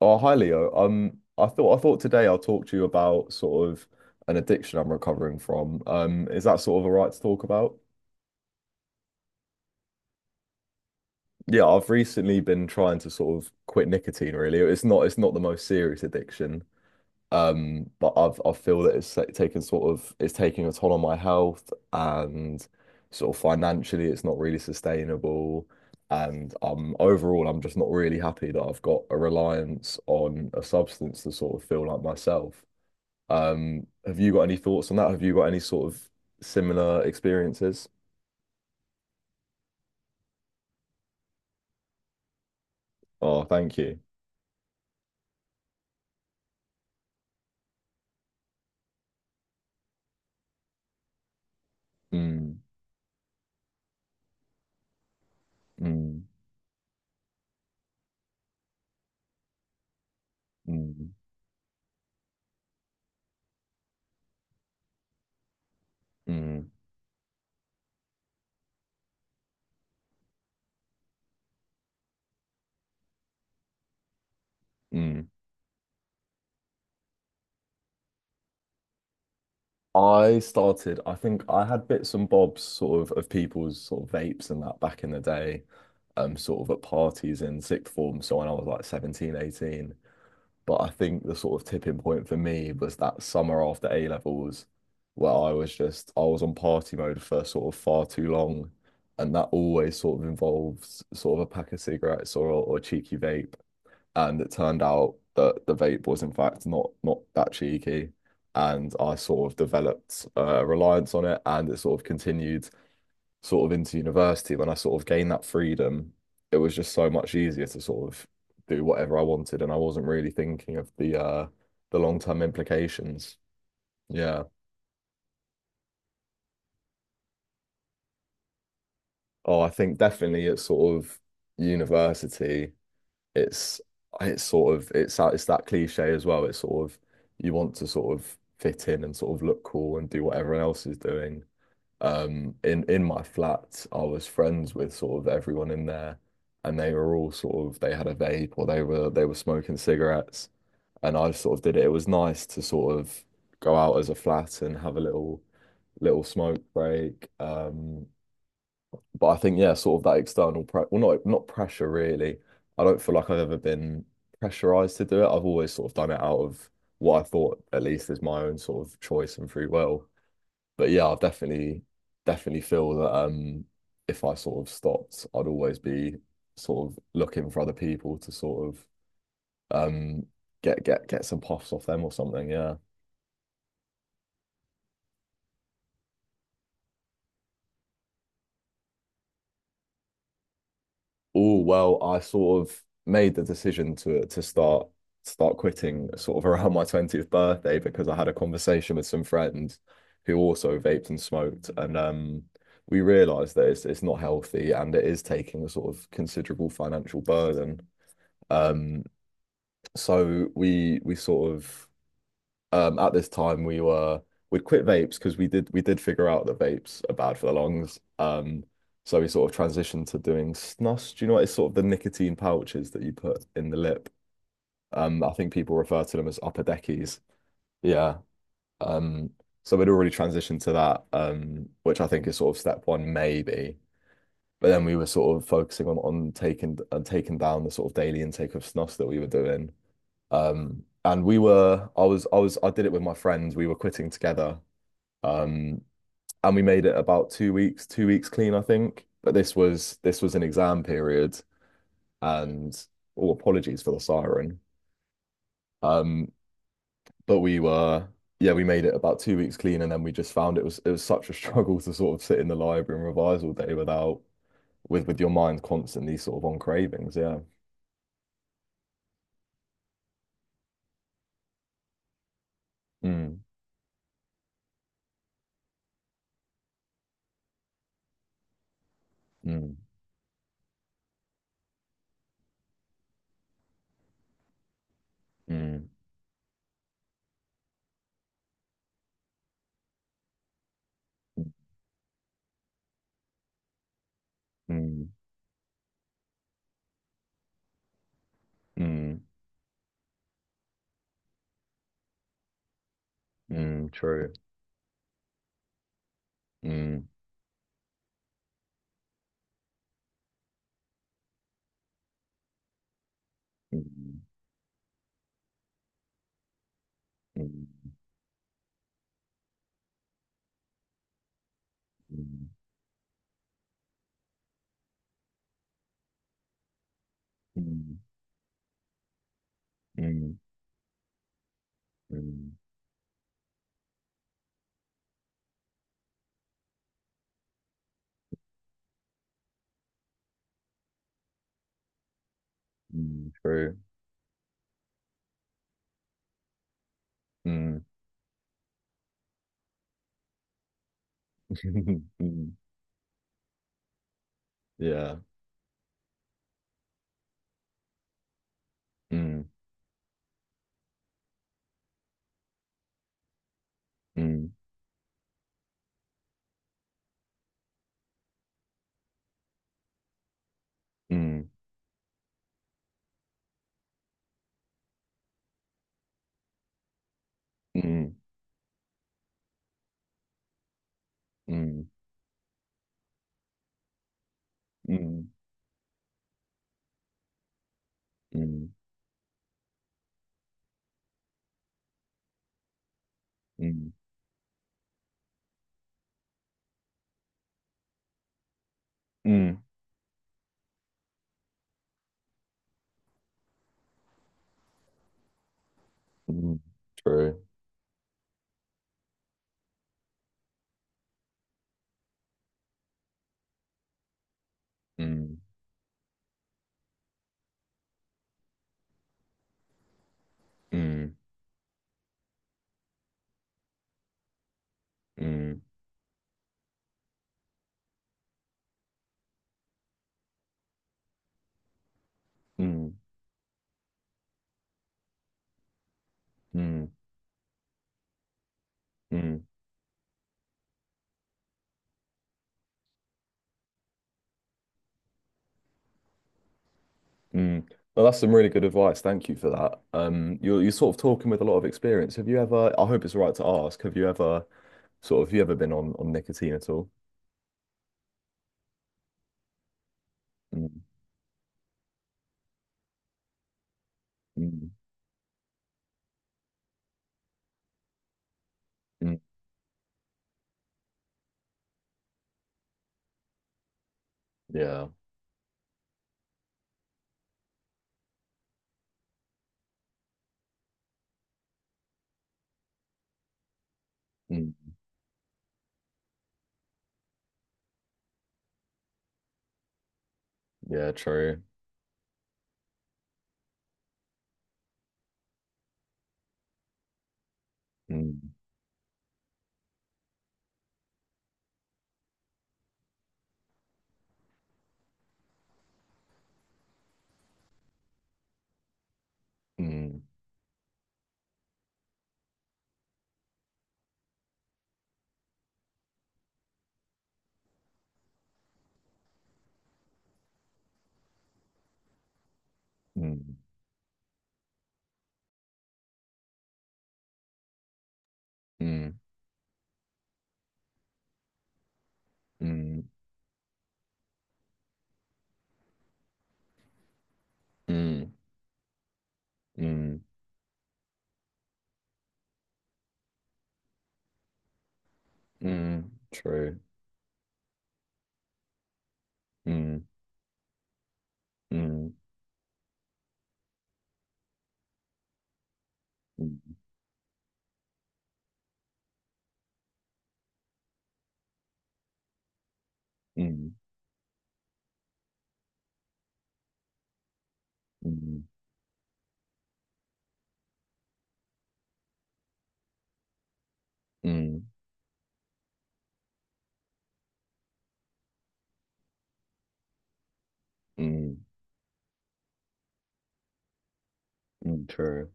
Oh, hi Leo. I thought today I'll talk to you about sort of an addiction I'm recovering from. Is that sort of all right to talk about? Yeah, I've recently been trying to sort of quit nicotine really. It's not the most serious addiction. But I feel that it's, like, taken sort of it's taking a toll on my health, and sort of financially it's not really sustainable. And overall, I'm just not really happy that I've got a reliance on a substance to sort of feel like myself. Have you got any thoughts on that? Have you got any sort of similar experiences? Oh, thank you. Mm, mm, mm, mm, mm. I started, I think I had bits and bobs sort of people's sort of vapes and that back in the day, sort of at parties in sixth form. So when I was like 17, 18. But I think the sort of tipping point for me was that summer after A levels, where I was on party mode for sort of far too long, and that always sort of involves sort of a pack of cigarettes or a cheeky vape. And it turned out that the vape was in fact not that cheeky, and I sort of developed a reliance on it, and it sort of continued sort of into university, when I sort of gained that freedom, it was just so much easier to sort of do whatever I wanted, and I wasn't really thinking of the long-term implications. Yeah. Oh, I think definitely at sort of university, it's it's sort of it's that cliche as well. It's sort of you want to sort of fit in and sort of look cool and do what everyone else is doing. In my flat, I was friends with sort of everyone in there, and they were all sort of, they had a vape or they were smoking cigarettes, and I sort of did it. It was nice to sort of go out as a flat and have a little smoke break. But I think, yeah, sort of that external pre well, not pressure really. I don't feel like I've ever been pressurized to do it. I've always sort of done it out of what I thought at least is my own sort of choice and free will, but yeah, I definitely feel that, if I sort of stopped, I'd always be sort of looking for other people to sort of, um get some puffs off them or something. Yeah. Oh well, I sort of made the decision to start quitting sort of around my 20th birthday, because I had a conversation with some friends who also vaped and smoked, and we realized that it's not healthy and it is taking a sort of considerable financial burden. um So we sort of, at this time we'd quit vapes because we did figure out that vapes are bad for the lungs. So we sort of transitioned to doing snus. Do you know what? It's sort of the nicotine pouches that you put in the lip. I think people refer to them as upper deckies. Yeah. Um so we'd already transitioned to that, which I think is sort of step one maybe. But then we were sort of focusing on taking down the sort of daily intake of snus that we were doing. And we were, I was, I was, I did it with my friends. We were quitting together. Um, and we made it about 2 weeks, 2 weeks clean, I think. But this was an exam period, and, oh, apologies for the siren. Um, but yeah, we made it about 2 weeks clean, and then we just found it was such a struggle to sort of sit in the library and revise all day without with with your mind constantly sort of on cravings. Yeah. Mm, mm, mm, mm, mm, mm, mm, true. Mm, mm. Mm. Mm, mm, mm, mm, mm, mm, true. Mm. Mm, yeah. Mm, mm, mm, mm, mm, mm, mm, mm, mm, mm, true. Mm, mm, mm, mm, mm, mm, mm. Well, that's some really good advice. Thank you for that. You're sort of talking with a lot of experience. Have you ever, I hope it's all right to ask, have you ever been on nicotine at all? Mm, mm, mm, yeah. Mm. Yeah, true. Mm, mm, mm, mm, mm, mm, mm, mm, true. Mm, mm, mm, mm, mm, mm, mm, mm, true.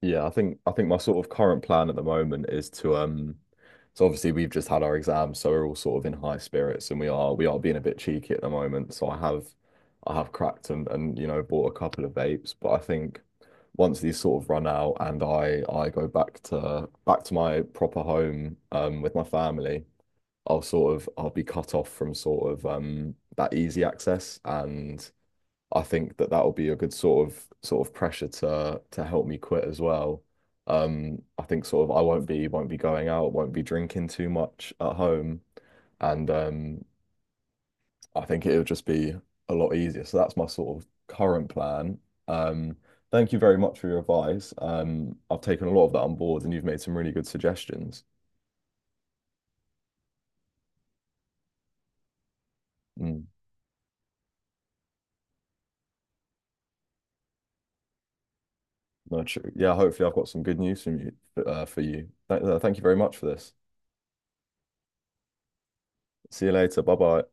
Yeah, I think my sort of current plan at the moment is to so obviously we've just had our exams, so we're all sort of in high spirits, and we are being a bit cheeky at the moment. So I have cracked and bought a couple of vapes, but I think once these sort of run out, and I go back to my proper home with my family, I'll sort of I'll be cut off from sort of that easy access, and I think that that'll be a good sort of pressure to help me quit as well. I think sort of I won't be going out, won't be drinking too much at home, and I think it'll just be a lot easier. So that's my sort of current plan. Um, Thank you very much for your advice. I've taken a lot of that on board, and you've made some really good suggestions. Mm, no, true. Yeah, hopefully I've got some good news from you, for you. Th Thank you very much for this. See you later. Bye bye.